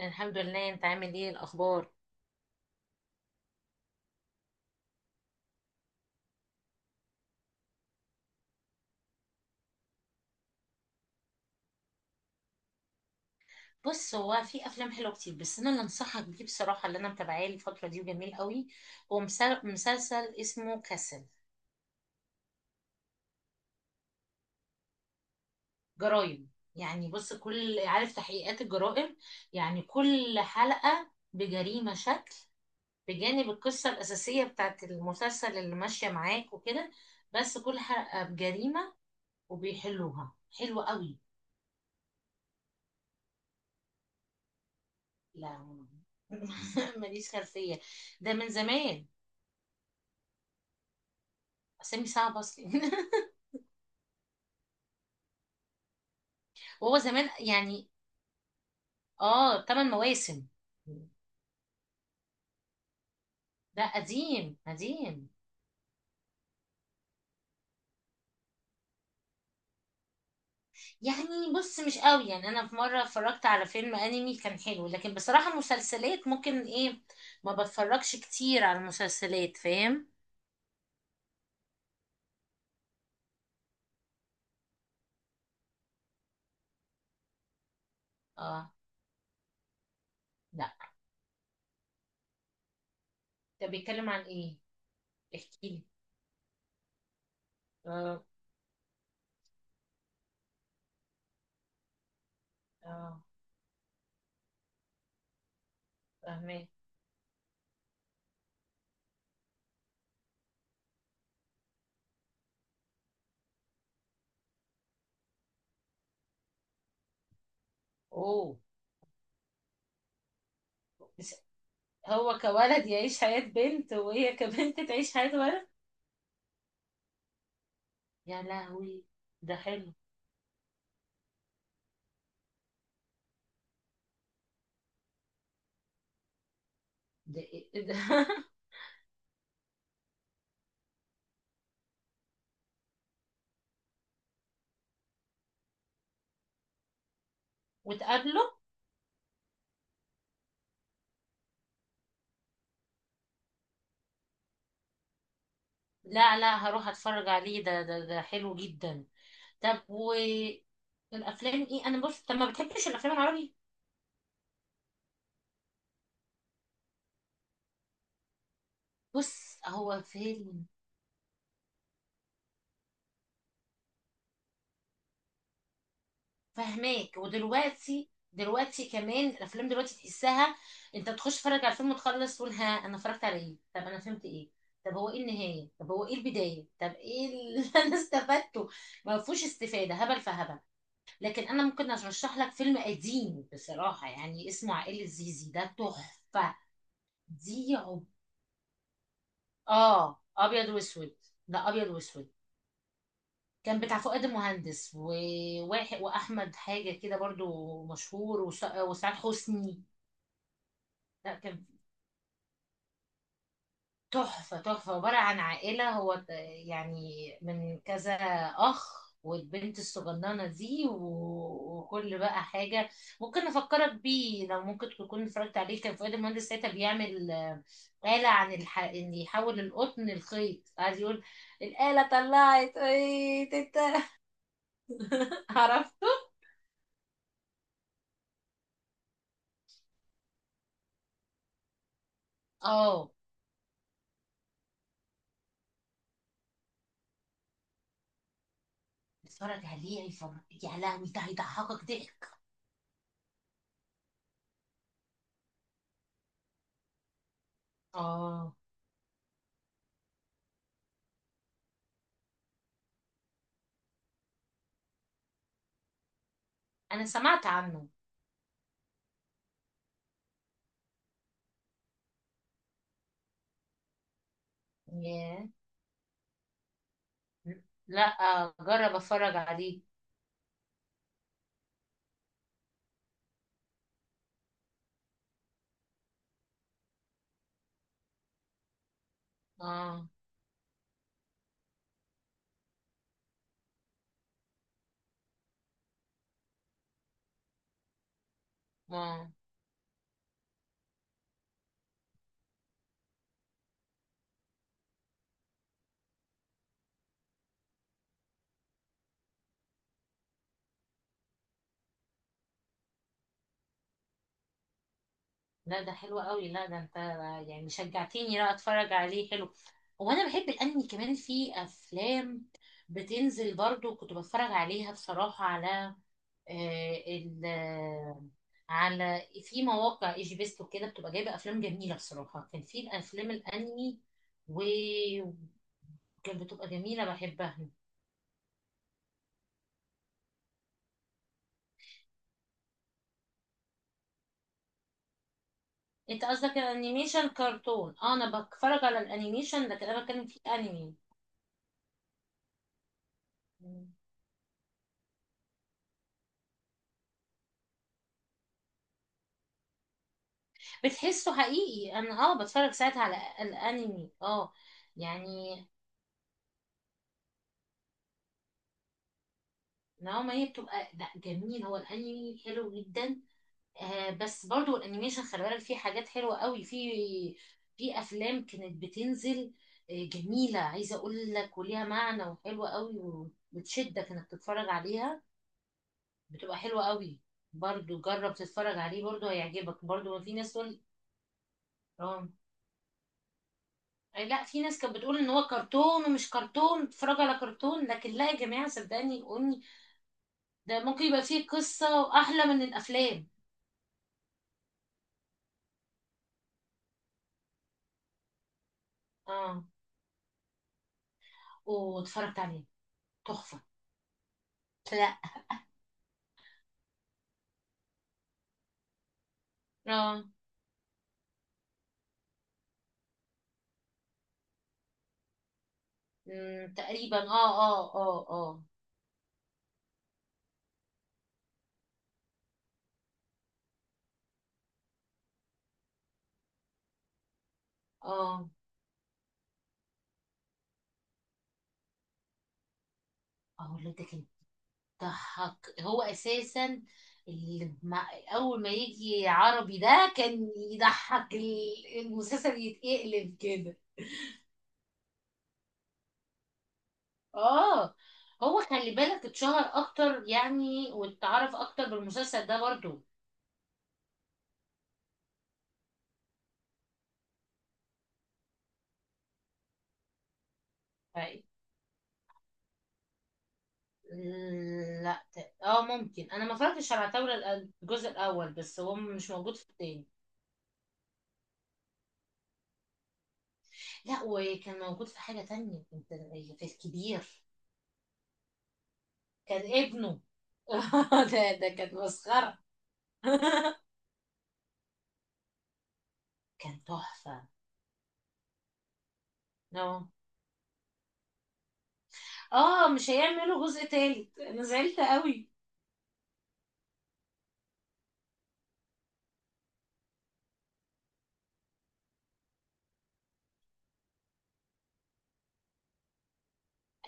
الحمد لله، انت عامل ايه الاخبار؟ بص، هو في افلام حلوه كتير، بس انا اللي انصحك بيه بصراحه اللي انا متابعاه الفتره دي وجميل قوي. هو مسلسل اسمه كاسل. جرايم. يعني بص، كل عارف تحقيقات الجرائم. يعني كل حلقه بجريمه شكل بجانب القصه الاساسيه بتاعت المسلسل اللي ماشيه معاك وكده، بس كل حلقه بجريمه، وبيحلوها حلوه قوي. لا. ماليش خلفيه، ده من زمان. اسامي صعبه اصلا. وهو زمان يعني. اه، ثمان مواسم. لا، قديم قديم. يعني بص، مش قوي يعني. انا في مره اتفرجت على فيلم انمي كان حلو، لكن بصراحه مسلسلات ممكن ايه، ما بتفرجش كتير على المسلسلات، فاهم. اه. لا، ده بيتكلم عن ايه؟ احكي لي. اه. اه، فاهمه. اوه. بس هو كولد يعيش حياه بنت، وهي كبنت تعيش حياه ولد. يا لهوي، ده حلو. ده إيه ده؟ وتقابله. لا لا، هروح اتفرج عليه. ده حلو جدا. طب والافلام. ايه، انا بص، طب ما بتحبش الافلام العربي؟ بص هو فيلم. فهماك، ودلوقتي، دلوقتي كمان الافلام دلوقتي تحسها. انت تخش تتفرج على الفيلم وتخلص تقول ها، انا اتفرجت على ايه؟ طب انا فهمت ايه؟ طب هو ايه النهايه؟ طب هو ايه البدايه؟ طب ايه اللي انا استفدته؟ ما فيهوش استفاده، هبل فهبل. لكن انا ممكن ارشح لك فيلم قديم بصراحه، يعني اسمه عائله زيزي، ده تحفه. دي. اه، ابيض واسود. ده ابيض واسود. كان بتاع فؤاد المهندس، واحمد حاجه كده برضو مشهور، وسعاد حسني. لا، كان تحفه تحفه. عباره عن عائله، هو يعني من كذا اخ، والبنت الصغننه دي، وكل بقى حاجه. ممكن افكرك بيه، لو ممكن تكون اتفرجت عليه. كان فؤاد المهندس ساعتها بيعمل آلة عن ان يحول القطن لخيط، قاعد يقول، الآلة طلعت ايه. عرفته. اه اتفرج عليه، هيفرج. يا لهوي، ده هيضحكك ضحك. اه، انا سمعت عنه. ياه. لا جرب اتفرج عليه. اه. ما. لا، ده حلو قوي. لا، ده انت يعني شجعتيني لا اتفرج عليه. حلو. وانا بحب الانمي كمان. في افلام بتنزل برضو كنت بتفرج عليها بصراحة. على آه، ال آه، على في مواقع ايجي بيست وكده، بتبقى جايبه افلام جميله بصراحه. كان في الافلام الانمي، وكانت بتبقى جميله بحبها. انت قصدك الانيميشن كرتون. اه، انا بتفرج على الانيميشن، لكن انا بتكلم فيه انمي. بتحسه حقيقي. انا اه بتفرج ساعات على الانمي اه. يعني نوعا ما هي بتبقى، لا جميل، هو الانمي حلو جدا. آه، بس برضو الانيميشن خلي بالك فيه حاجات حلوه قوي. في في افلام كانت بتنزل آه جميله، عايزه اقول لك، وليها معنى، وحلوه قوي، وبتشدك انك تتفرج عليها. بتبقى حلوه قوي. برضو جرب تتفرج عليه، برضو هيعجبك. برضو ما في ناس تقول اه. لا، في ناس كانت بتقول ان هو كرتون، ومش كرتون تتفرج على كرتون، لكن لا يا جماعه، صدقني قولني، ده ممكن يبقى فيه قصه واحلى من الافلام. اه. واتفرجت عليه. تحفه. لا. اه. مم، تقريبا. اه اه اه اه. اه. اقول لك ده كان ضحك هو اساسا. اللي مع اول ما يجي عربي ده كان يضحك، المسلسل يتقلب كده. اه. هو خلي بالك اتشهر اكتر يعني، واتعرف اكتر بالمسلسل ده برضو. ف- لا، اه، ممكن. انا ما اتفرجتش على عتاولة الجزء الاول، بس هو مش موجود في التاني. لا، وكان موجود في حاجة تانية انت، في الكبير. كان ابنه. ده ده كانت مسخرة. كان تحفة. اه اه، مش هيعملوا جزء تالت، انا زعلت قوي.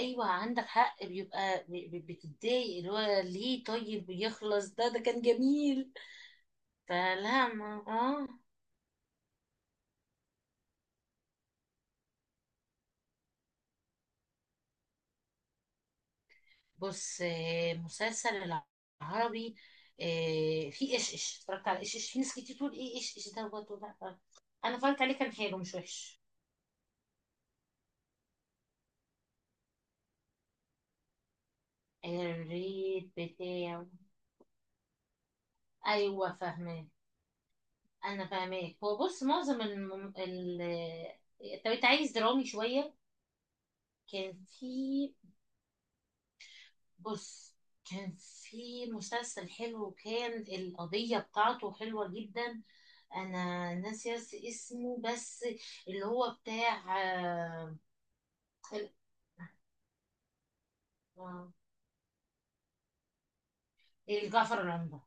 ايوه، عندك حق، بيبقى بتتضايق اللي هو ليه طيب يخلص، ده ده كان جميل. فلا ما اه. بص، مسلسل العربي. في ايش ايش. اتفرجت على ايش ايش؟ في ناس كتير تقول ايه ايش ايش دوت وده. انا اتفرجت عليه، كان حلو مش وحش. الريت بتاعه. ايوه فاهمه. انا فاهماك. هو بص معظم طب انت عايز درامي شويه؟ كان في، بص، كان في مسلسل حلو، كان القضيه بتاعته حلوه جدا. انا ناسيه اسمه بس. اللي هو بتاع ال- آه، الجعفر العمده.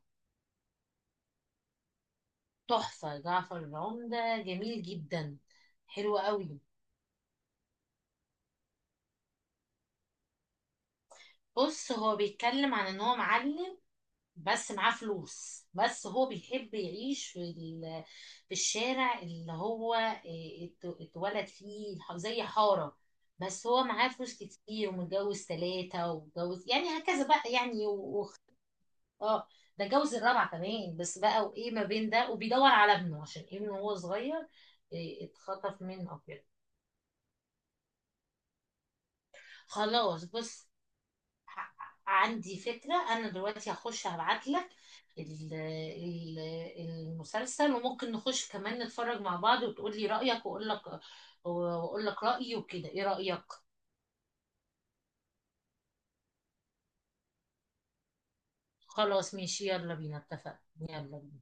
تحفه، جعفر العمده جميل جدا. حلو قوي. بص، هو بيتكلم عن ان هو معلم، بس معاه فلوس، بس هو بيحب يعيش في في الشارع اللي هو إيه، اتولد فيه، زي حارة. بس هو معاه فلوس كتير، ومتجوز ثلاثة، ومتجوز يعني هكذا بقى يعني اه، ده جوز الرابعة كمان بس بقى، وايه ما بين ده، وبيدور على ابنه، عشان ابنه وهو صغير إيه، اتخطف منه او كده. خلاص بص، ع- عندي فكرة. أنا دلوقتي هخش هبعت لك المسلسل، وممكن نخش كمان نتفرج مع بعض، وتقول لي رأيك، وأقول لك، وأقول لك رأيي وكده، إيه رأيك؟ خلاص ماشي، يلا بينا، اتفقنا. يلا بينا.